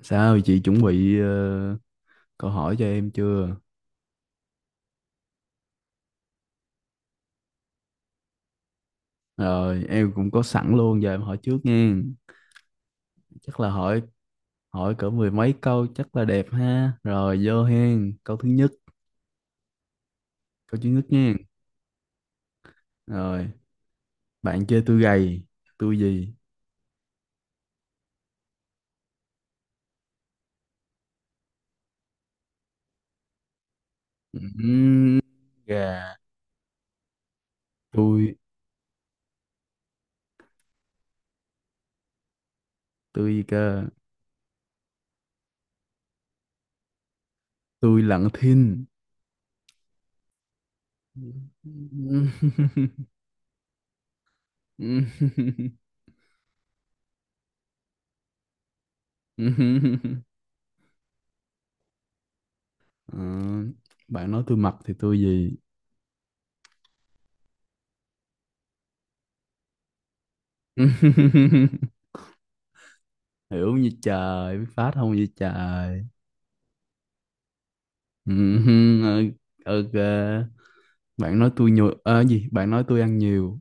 Sao chị chuẩn bị câu hỏi cho em chưa? Rồi em cũng có sẵn luôn giờ em hỏi trước nha. Chắc là hỏi hỏi cỡ mười mấy câu chắc là đẹp ha. Rồi vô hen, câu thứ nhất nha. Rồi, bạn chơi tôi gầy, tôi gì? Ừm, gà, tôi tôi gì cơ? Tôi lặng thinh. Ờ, bạn nói tôi mập thì tôi gì? Hiểu như trời biết phát không như trời. ừ, hừ, ok, bạn nói tôi nhiều ờ gì bạn nói tôi ăn nhiều,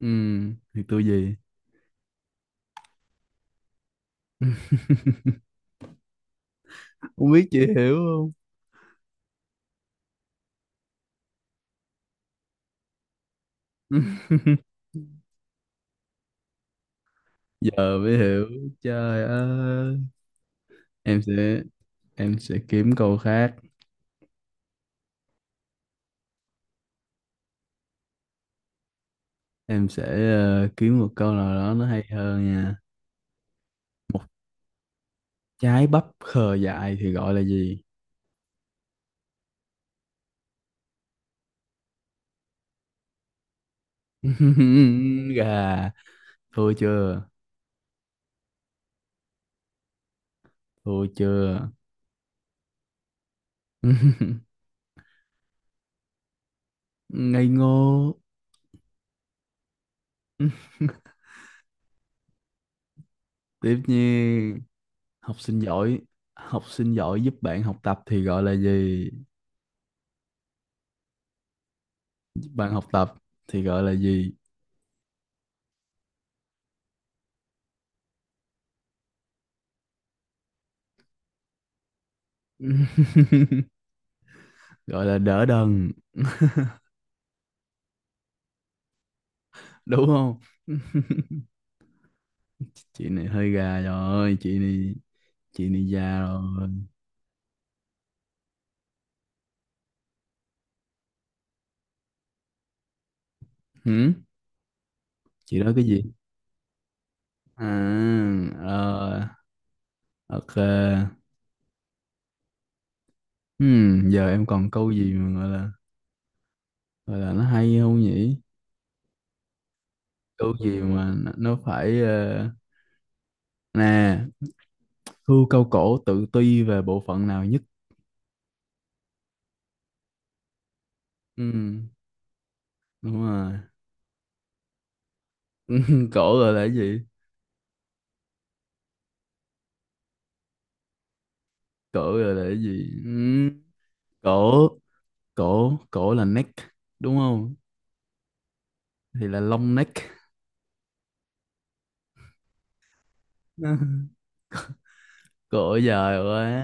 ừ, thì tôi gì, không biết chị hiểu không. Giờ mới hiểu. Trời ơi, em sẽ em sẽ kiếm câu khác. em sẽ Kiếm một câu nào đó nó hay hơn nha. Trái bắp khờ dại thì gọi là gì? Gà, thua chưa, thua chưa? Ngây ngô. Tiếp như học sinh giỏi, học sinh giỏi giúp bạn học tập thì gọi là gì? Giúp bạn học tập thì gọi là gì? Gọi là đỡ đần, đúng không? Chị này hơi gà rồi, chị này già rồi. Hử? Chị nói cái gì? À, ờ, ok. Giờ em còn câu gì mà gọi là, gọi là nó hay không nhỉ? Câu gì mà nó phải nè, hươu câu cổ tự ti về bộ phận nào nhất? Ừ, đúng rồi. Cổ rồi là cái gì? Cổ rồi là cái gì? Ừ. Cổ, cổ, cổ là neck, đúng không? Thì là long neck. Cổ dài quá,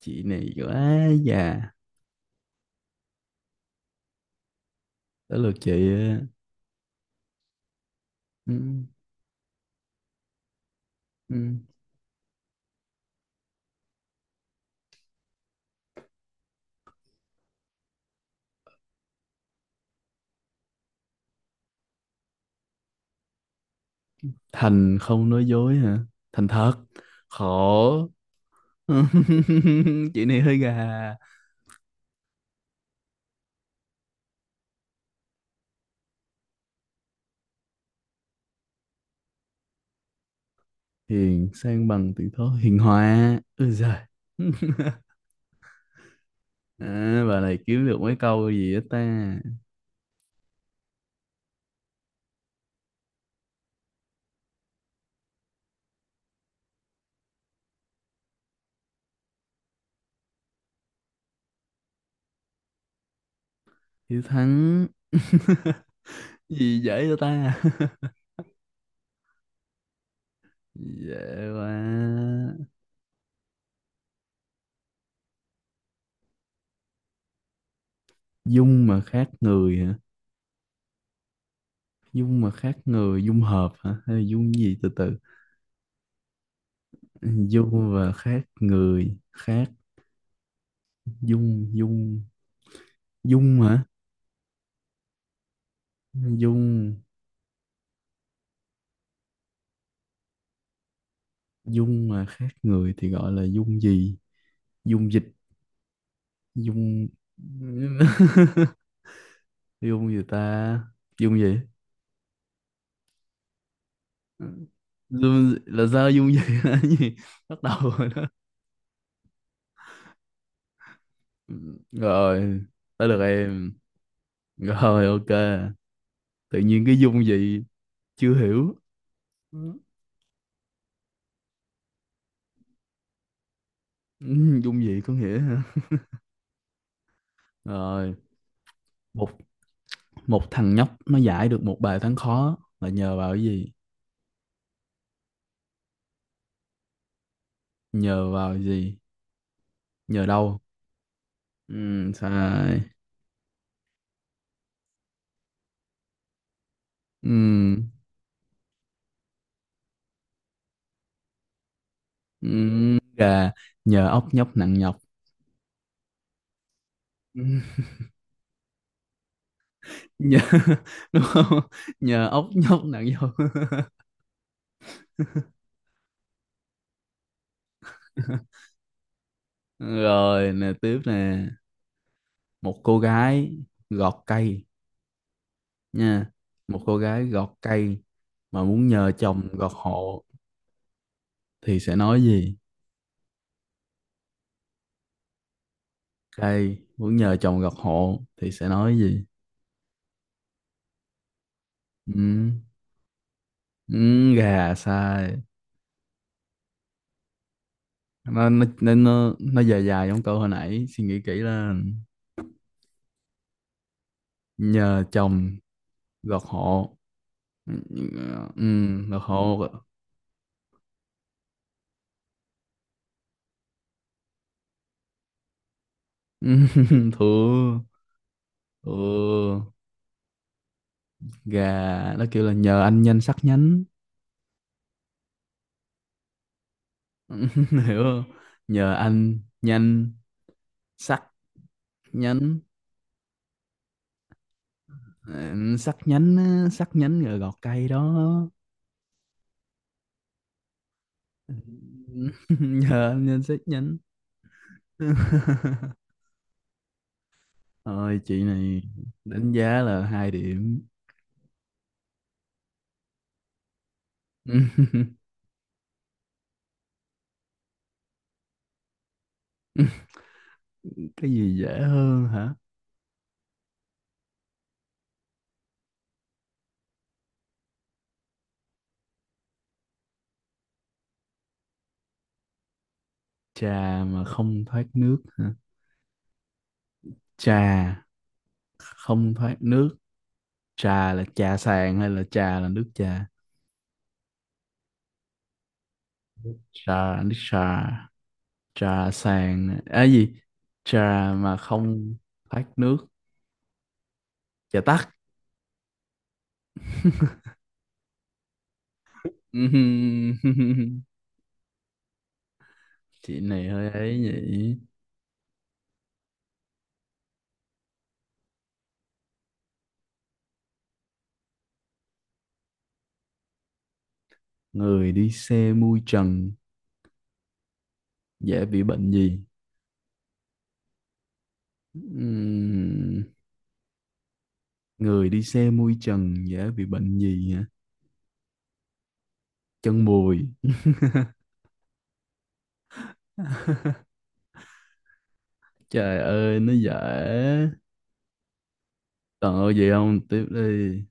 chị này quá già. Tới lượt chị. Ừ. Ừ. Thành không nói dối hả? Thành thật. Khổ. Chị này hơi gà. Hiền sang bằng tự thố hiền hòa. Ôi giời. À, bà này kiếm được mấy câu gì á ta? Hiếu Thắng. Gì dễ cho ta? Dễ quá. Dung mà khác người hả? Dung mà khác người, dung hợp hả? Hay là dung gì từ từ? Dung và khác người, khác dung, dung, dung hả? Dung, dung mà khác người thì gọi là dung gì? Dung dịch, dung... dung gì ta? Dung gì? Ừ. Zoom là sao dung gì là gì, bắt đầu rồi đó. Ừ, rồi tới được em rồi, ok, tự nhiên cái dung gì, chưa hiểu. Ừ. Ừ, dung gì có nghĩa hả, rồi. Một một thằng nhóc nó giải được một bài toán khó là nhờ vào cái gì? Nhờ vào cái gì? Nhờ đâu? ừ, Sai. ừ, ừ, Gà, nhờ ốc nhóc nặng nhọc. Ừ, nhờ. Đúng không? Nhờ ốc nhóc nặng nhọc. Rồi nè, tiếp nè, một cô gái gọt cây nha, một cô gái gọt cây mà muốn nhờ chồng gọt hộ thì sẽ nói gì? Cây muốn nhờ chồng gọt hộ thì sẽ nói gì? ừ, ừ, gà, sai. Nó dài dài, giống câu hồi nãy, suy nghĩ kỹ là nhờ chồng gọt hộ. Ừ, gọt hộ. Thua. Thua. Ừ, gà, nó kêu là nhờ anh nhanh sắc nhánh. Hiểu không? Nhờ anh nhanh sắc nhánh. Ừ, sắc nhánh á, sắc nhánh rồi gọt cây đó. Nhờ anh nhanh sắc nhánh. Ôi chị này đánh giá là hai điểm. Cái gì dễ hơn hả? Trà mà không thoát nước hả? Trà không thoát nước. Trà là trà sàn hay là trà là nước trà? Trà là nước trà, trà sàn à gì, trà mà không thoát nước. Trà tắc. Chị này hơi ấy nhỉ. Người đi xe mui trần dễ bị bệnh gì? Ừm, Người đi xe mui trần dễ bị bệnh gì hả? Chân bùi. Trời ơi nó dễ. Còn ơi gì không, tiếp đi.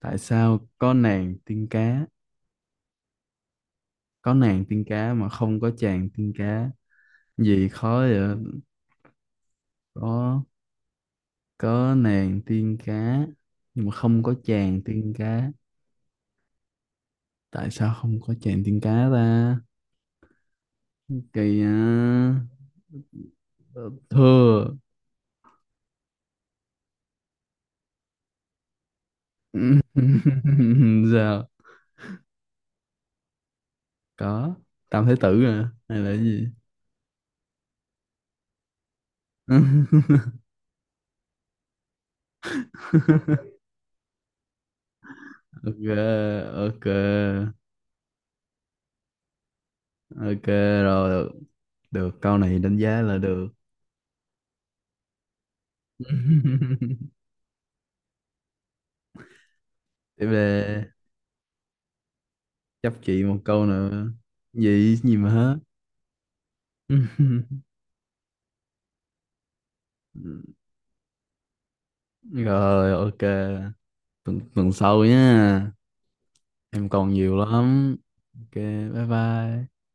Tại sao có nàng tiên cá, có nàng tiên cá mà không có chàng tiên cá? Gì khó vậy? có có nàng tiên cá nhưng mà không có chàng tiên cá, tại sao không có chàng tiên cá ta? Kỳ à, Ờ, thưa. Sao? Có tam thái tử à hay là cái gì? Ok, ok, ok, rồi được, được câu này đánh giá là được. Tiếp về, chấp chị một câu nữa, gì gì mà hết. Rồi, ok, tuần sau nhá, em còn nhiều lắm. Ok, bye bye.